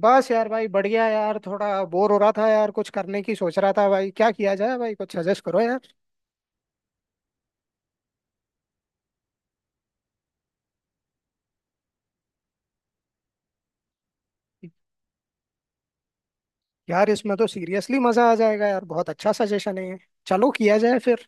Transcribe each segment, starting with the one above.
बस यार भाई बढ़िया यार थोड़ा बोर हो रहा था यार। कुछ करने की सोच रहा था भाई, क्या किया जाए भाई? कुछ सजेस्ट करो यार। यार इसमें तो सीरियसली मजा आ जाएगा यार, बहुत अच्छा सजेशन है ये। चलो किया जाए फिर।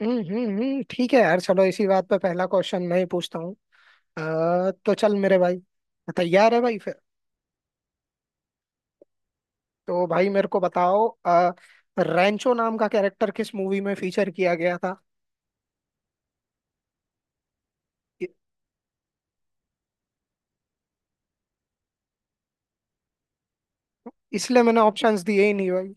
ठीक है यार, चलो इसी बात पे पहला क्वेश्चन मैं ही पूछता हूँ। तो चल मेरे भाई। तैयार है भाई फिर? तो भाई मेरे को बताओ, रैंचो नाम का कैरेक्टर किस मूवी में फीचर किया गया था? इ- इसलिए मैंने ऑप्शंस दिए ही नहीं भाई।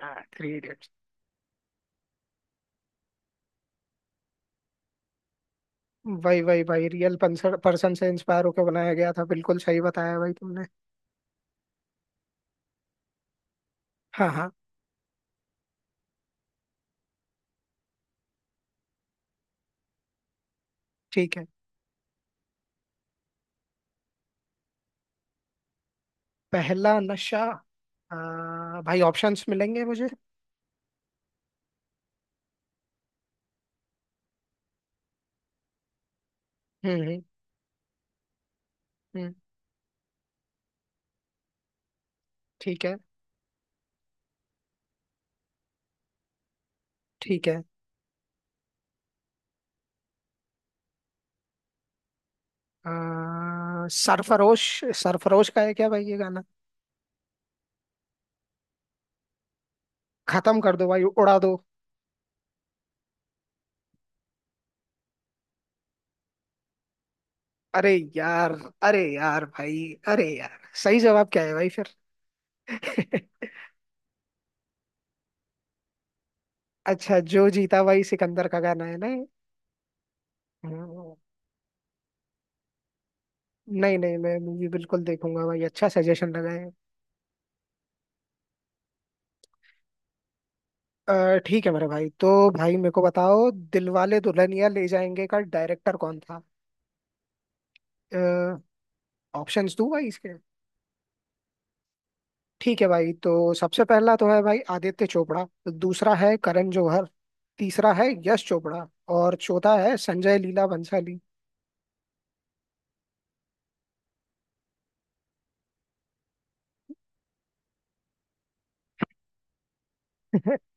थ्री। वही वही भाई, रियल पर्सन से इंस्पायर होकर बनाया गया था, बिल्कुल सही बताया भाई तुमने। हाँ हाँ। ठीक है। पहला नशा। आ, भाई ऑप्शंस मिलेंगे मुझे? हम्म हम्म हम्म, ठीक है। ठीक है। आ, सरफरोश। सरफरोश का है क्या भाई ये गाना? खत्म कर दो भाई, उड़ा दो। अरे यार! अरे यार भाई, अरे यार सही जवाब क्या है भाई फिर? अच्छा जो जीता भाई, सिकंदर का गाना है ना ये? हम्म, नहीं नहीं मैं मूवी बिल्कुल देखूंगा भाई, अच्छा सजेशन लगाए। ठीक है मेरे भाई, तो भाई मेरे को बताओ दिलवाले दुल्हनिया ले जाएंगे का डायरेक्टर कौन था? ऑप्शंस दूं भाई इसके? ठीक है भाई, तो सबसे पहला तो है भाई आदित्य चोपड़ा। दूसरा है करण जौहर। तीसरा है यश चोपड़ा। और चौथा है संजय लीला भंसाली।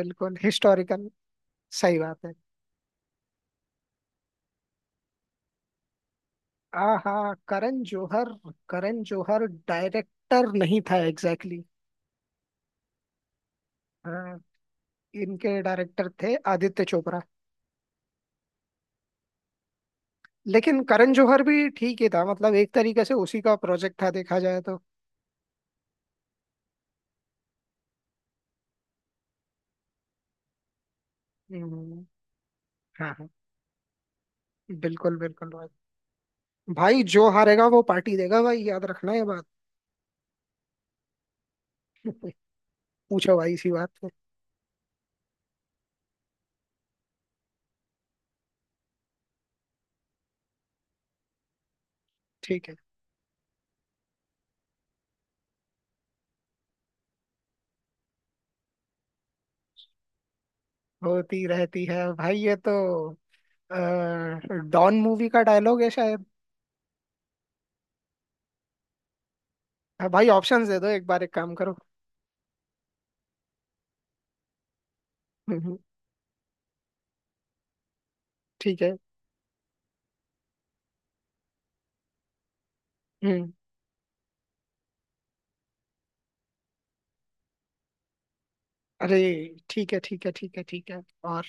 बिल्कुल हिस्टोरिकल। सही बात है। आहा करण जौहर। करण जौहर डायरेक्टर नहीं था एग्जैक्टली exactly। हाँ, इनके डायरेक्टर थे आदित्य चोपड़ा। लेकिन करण जौहर भी ठीक ही था, मतलब एक तरीके से उसी का प्रोजेक्ट था देखा जाए तो। हम्म। हाँ हाँ, बिल्कुल बिल्कुल भाई। भाई जो हारेगा वो पार्टी देगा भाई, याद रखना ये बात। पूछो भाई इसी बात पे। ठीक है। होती रहती है भाई ये तो। अ, डॉन मूवी का डायलॉग है शायद। हाँ, भाई ऑप्शंस दे दो एक बार, एक काम करो। हम्म, ठीक है। हम्म। अरे ठीक है ठीक है ठीक है ठीक है, और?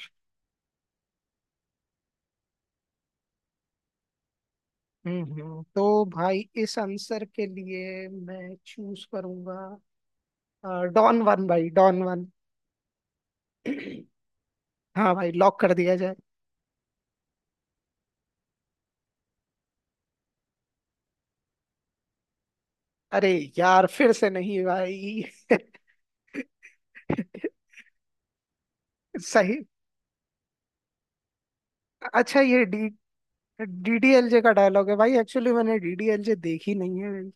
तो भाई इस आंसर के लिए मैं चूज करूंगा डॉन वन भाई, डॉन वन। हाँ भाई, लॉक कर दिया जाए। अरे यार, फिर से नहीं भाई! सही। अच्छा ये डी, डीडीएलजे का डायलॉग है भाई? एक्चुअली मैंने डीडीएलजे देखी नहीं है भाई।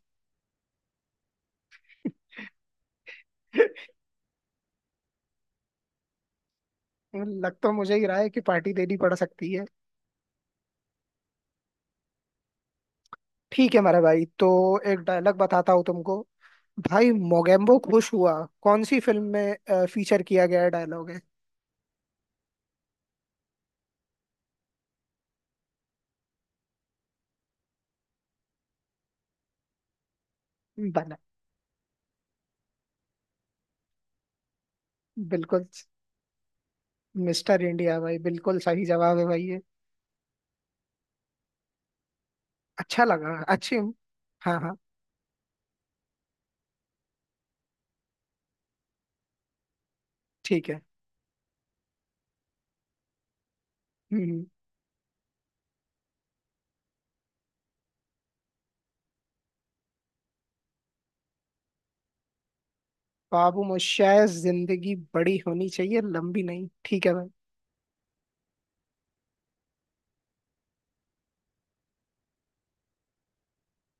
लग तो मुझे ही रहा है कि पार्टी देनी पड़ सकती है। ठीक है मेरा भाई, तो एक डायलॉग बताता हूँ तुमको। भाई मोगेम्बो खुश हुआ, कौन सी फिल्म में फीचर किया गया डायलॉग है? बना। बिल्कुल। मिस्टर इंडिया भाई, बिल्कुल सही जवाब है भाई ये। अच्छा लगा, अच्छी। हाँ हाँ। ठीक है। हम्म। बाबू मोशाय जिंदगी बड़ी होनी चाहिए लंबी नहीं, ठीक है भाई।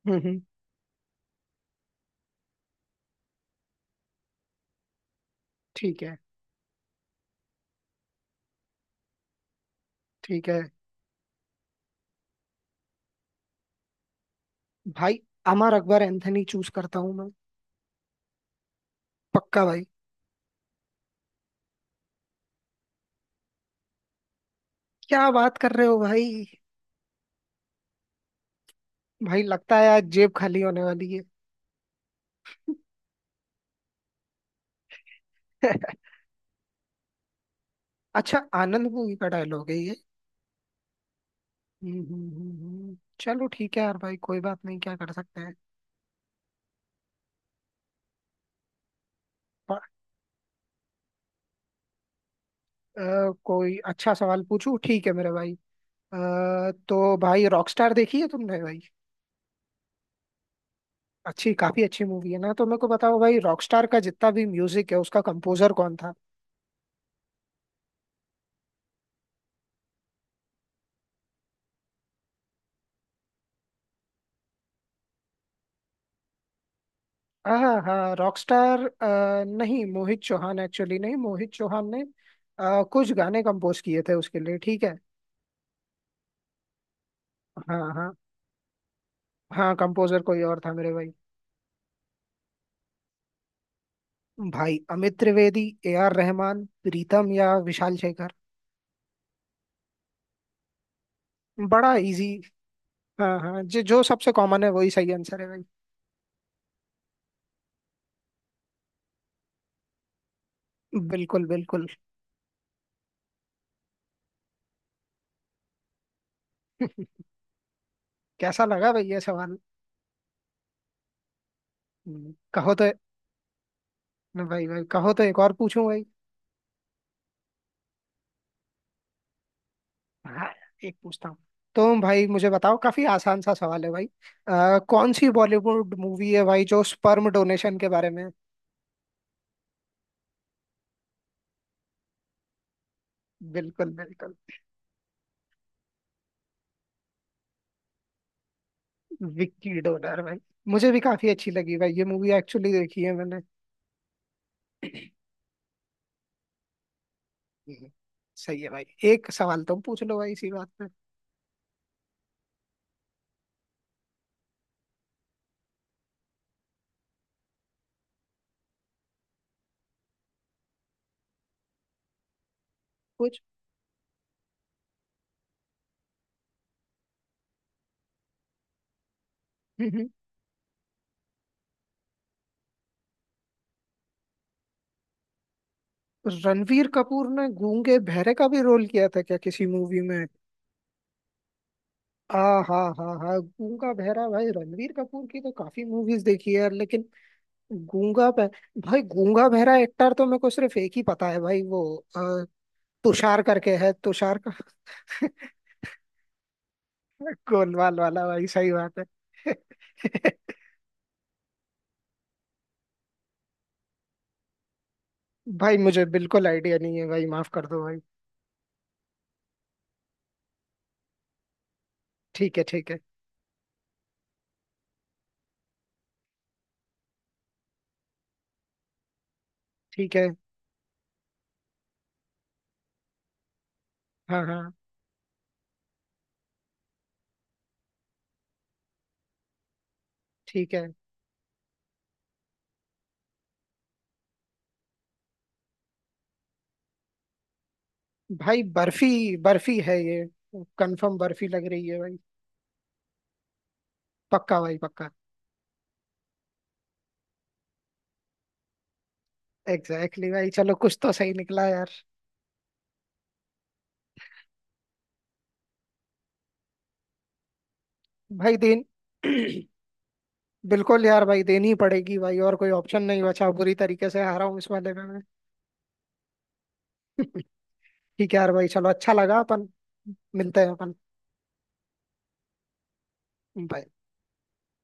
हम्म हम्म, ठीक है। ठीक है भाई, अमर अकबर एंथनी चूज करता हूँ मैं। पक्का भाई। क्या बात कर रहे हो भाई? भाई लगता है आज जेब खाली होने वाली है। अच्छा आनंद मूवी का डायलॉग है ये। चलो ठीक है यार भाई, कोई बात नहीं, क्या कर सकते हैं। पर, कोई अच्छा सवाल पूछूं? ठीक है मेरे भाई। अ, तो भाई, रॉकस्टार देखी है तुमने भाई? अच्छी काफी अच्छी मूवी है ना, तो मेरे को बताओ भाई, रॉकस्टार का जितना भी म्यूजिक है उसका कंपोजर कौन था? हाँ हाँ, रॉकस्टार। नहीं मोहित चौहान, एक्चुअली नहीं, मोहित चौहान ने कुछ गाने कंपोज किए थे उसके लिए, ठीक है। हाँ हाँ। हाँ कंपोजर कोई और था मेरे भाई। भाई अमित त्रिवेदी, ए आर रहमान, प्रीतम या विशाल शेखर। बड़ा इजी। हाँ हाँ, जो जो सबसे कॉमन है वही सही आंसर है भाई। बिल्कुल बिल्कुल। कैसा लगा भाई ये सवाल? कहो तो। भाई भाई, कहो तो एक और पूछूं भाई? हाँ एक पूछता हूँ। तो भाई मुझे बताओ, काफी आसान सा सवाल है भाई। आ, कौन सी बॉलीवुड मूवी है भाई जो स्पर्म डोनेशन के बारे में? बिल्कुल बिल्कुल। विक्की डोनर भाई, मुझे भी काफी अच्छी लगी भाई ये मूवी, एक्चुअली देखी है मैंने। हम्म, सही है भाई। एक सवाल तुम पूछ लो भाई इसी बात पे। कुछ। हम्म, हम्म। रणवीर कपूर ने गूंगे बहरे का भी रोल किया था क्या किसी मूवी में? आ, हाँ हाँ हाँ गूंगा बहरा, भाई रणवीर कपूर की तो काफी मूवीज देखी है लेकिन गूंगा भै भाई गूंगा बहरा एक्टर तो मेरे को सिर्फ एक ही पता है भाई, वो अ, तुषार करके है, तुषार का। गोलमाल वाला भाई, सही बात है। भाई मुझे बिल्कुल आइडिया नहीं है भाई, माफ कर दो भाई। ठीक है ठीक है ठीक है। हाँ हाँ। ठीक है भाई, बर्फी, बर्फी है ये, कंफर्म बर्फी लग रही है भाई। पक्का भाई, पक्का। एग्जैक्टली exactly भाई, चलो कुछ तो सही निकला यार। भाई देन, बिल्कुल यार भाई, देनी ही पड़ेगी भाई, और कोई ऑप्शन नहीं बचा, बुरी तरीके से हारा हूँ इस वाले में मैं। ठीक है यार भाई, चलो अच्छा लगा अपन मिलते हैं अपन। बाय।